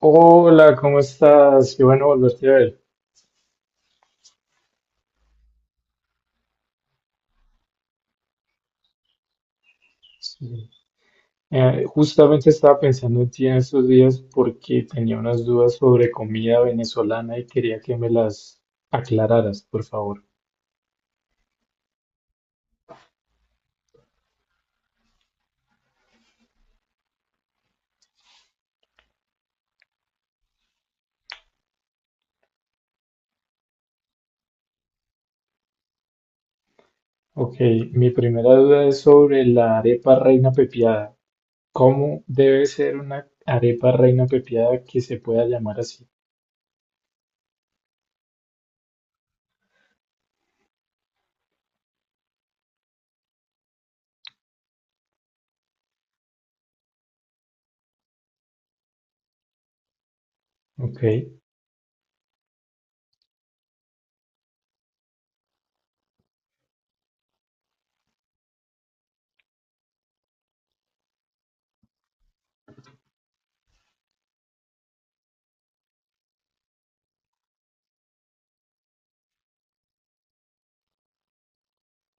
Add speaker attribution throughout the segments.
Speaker 1: Hola, ¿cómo estás? Qué bueno volverte a ver. Sí. Justamente estaba pensando en ti en estos días porque tenía unas dudas sobre comida venezolana y quería que me las aclararas, por favor. Ok, mi primera duda es sobre la arepa reina pepiada. ¿Cómo debe ser una arepa reina pepiada que se pueda llamar así? Ok.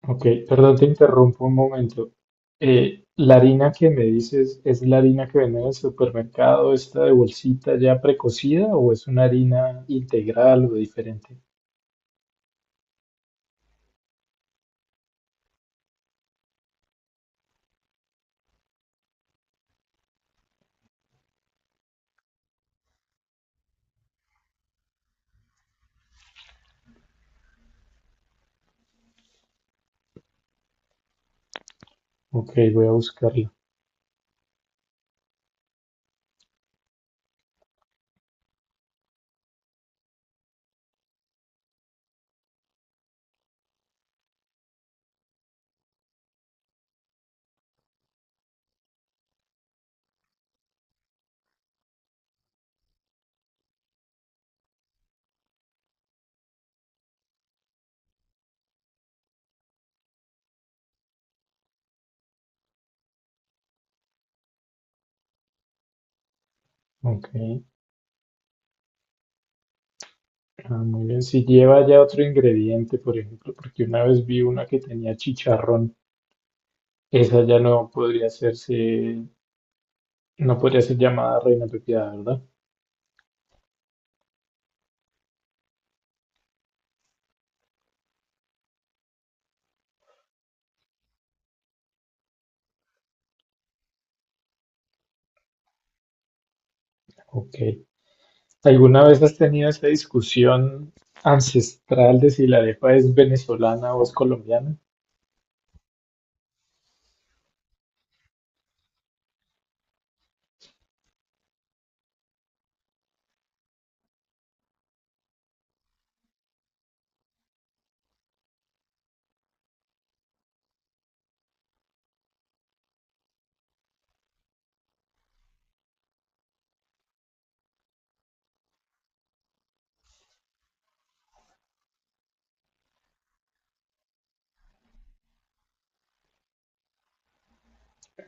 Speaker 1: Ok, perdón, te interrumpo un momento. La harina que me dices, ¿es la harina que venden en el supermercado, esta de bolsita ya precocida o es una harina integral o diferente? Ok, voy a buscarla. Ok, ah, muy bien. Si lleva ya otro ingrediente, por ejemplo, porque una vez vi una que tenía chicharrón, esa ya no podría hacerse, no podría ser llamada reina pepiada, ¿verdad? Ok. ¿Alguna vez has tenido esa discusión ancestral de si la arepa es venezolana o es colombiana?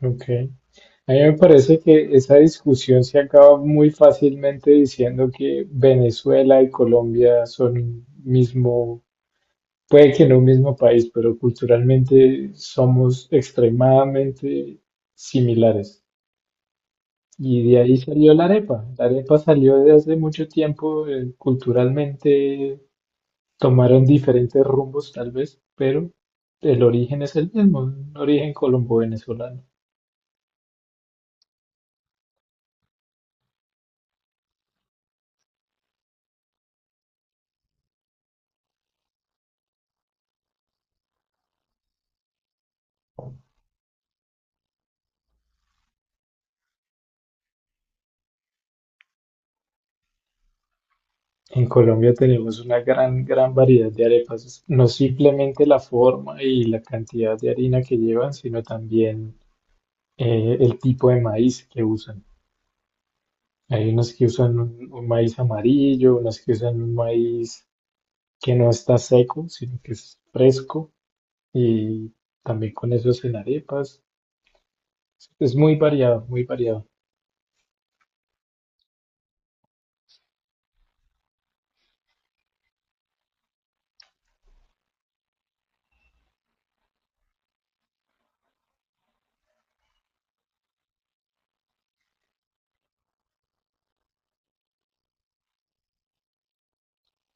Speaker 1: Ok. A mí me parece que esa discusión se acaba muy fácilmente diciendo que Venezuela y Colombia son un mismo, puede que no un mismo país, pero culturalmente somos extremadamente similares. Y de ahí salió la arepa. La arepa salió de hace mucho tiempo, culturalmente tomaron diferentes rumbos tal vez, pero el origen es el mismo, un origen colombo-venezolano. En Colombia tenemos una gran, gran variedad de arepas, no simplemente la forma y la cantidad de harina que llevan, sino también el tipo de maíz que usan. Hay unas que usan un maíz amarillo, unas que usan un maíz que no está seco, sino que es fresco, y también con eso hacen arepas. Es muy variado, muy variado.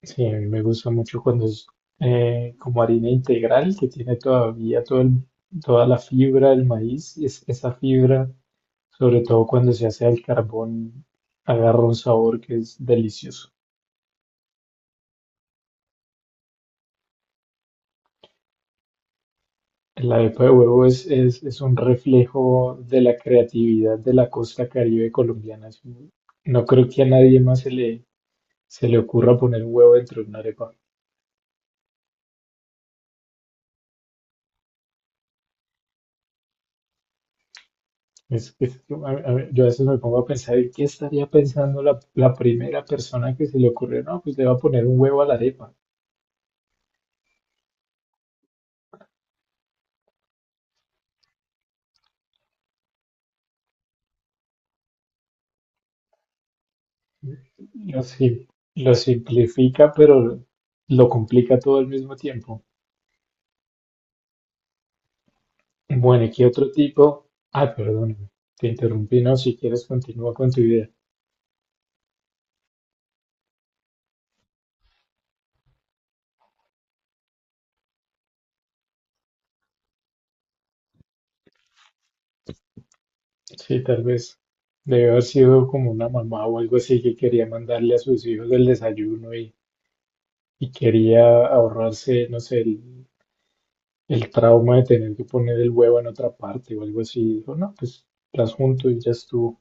Speaker 1: Sí, a mí me gusta mucho cuando es como harina integral, que tiene todavía toda la fibra del maíz, esa fibra, sobre todo cuando se hace al carbón, agarra un sabor que es delicioso. La arepa de huevo es un reflejo de la creatividad de la costa caribe colombiana. No creo que a nadie más se le ocurra poner un huevo dentro de una arepa. Yo, a yo a veces me pongo a pensar, ¿qué estaría pensando la primera persona que se le ocurrió? No, pues le va a poner un huevo a la arepa. Lo, sim- lo simplifica, pero lo complica todo al mismo tiempo. Bueno, ¿y qué otro tipo? Ah, perdóname, te interrumpí. No, si quieres continúa con tu idea. Sí, tal vez debe haber sido como una mamá o algo así que quería mandarle a sus hijos el desayuno y quería ahorrarse, no sé, el trauma de tener que poner el huevo en otra parte o algo así. Dijo, no, pues las junto y ya estuvo.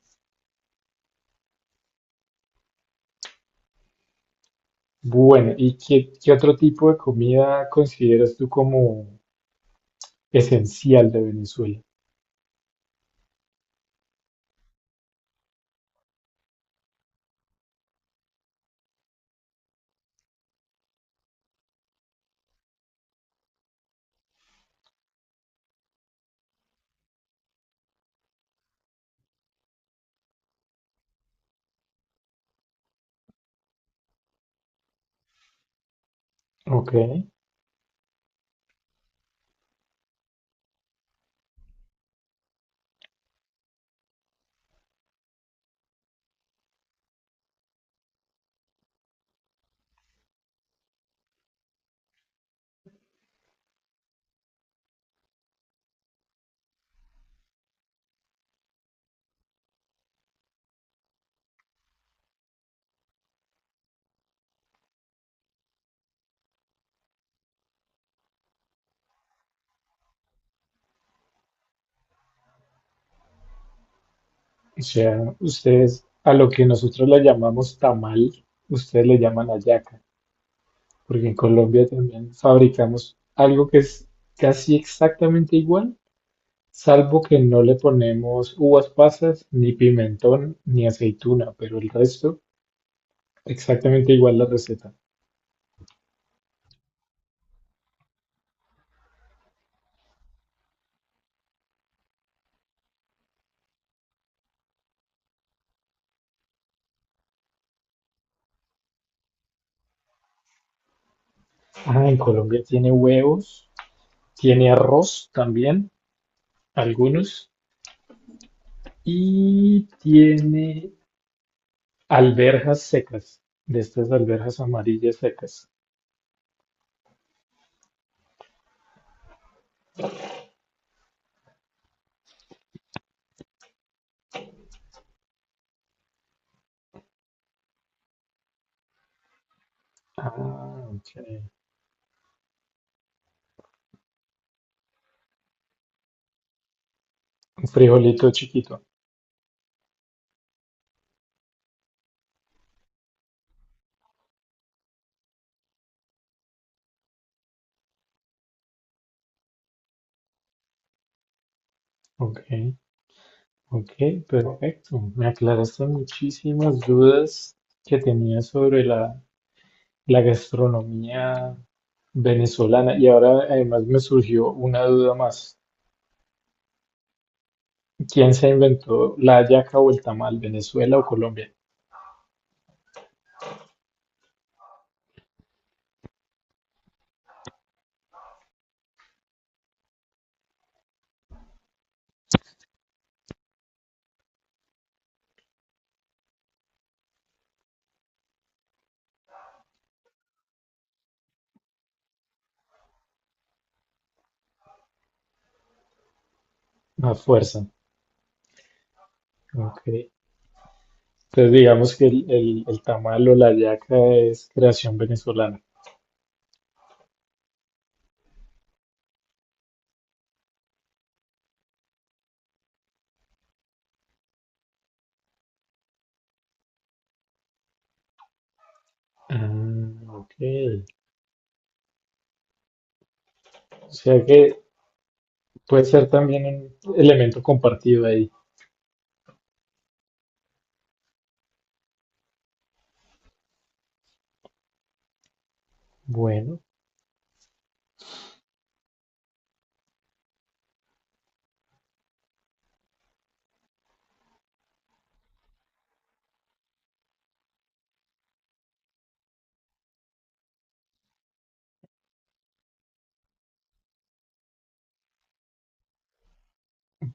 Speaker 1: Bueno, ¿y qué otro tipo de comida consideras tú como esencial de Venezuela? Ok, o sea, ustedes a lo que nosotros le llamamos tamal, ustedes le llaman hallaca, porque en Colombia también fabricamos algo que es casi exactamente igual, salvo que no le ponemos uvas pasas, ni pimentón, ni aceituna, pero el resto exactamente igual la receta. Ah, en Colombia tiene huevos, tiene arroz también, algunos, y tiene alberjas secas, de estas alberjas amarillas secas. Ah, ok. Un frijolito chiquito. Ok, ok, perfecto. Me aclaraste muchísimas dudas que tenía sobre la gastronomía venezolana y ahora además me surgió una duda más. ¿Quién se inventó la hallaca o el tamal? ¿Venezuela o Colombia? A fuerza. Ok. Entonces digamos que el tamal o la hallaca es creación venezolana. Ah, ok. O sea que puede ser también un elemento compartido ahí. Bueno,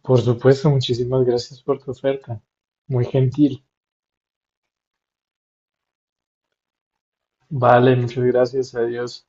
Speaker 1: por supuesto, muchísimas gracias por tu oferta. Muy gentil. Vale, muchas gracias. Adiós.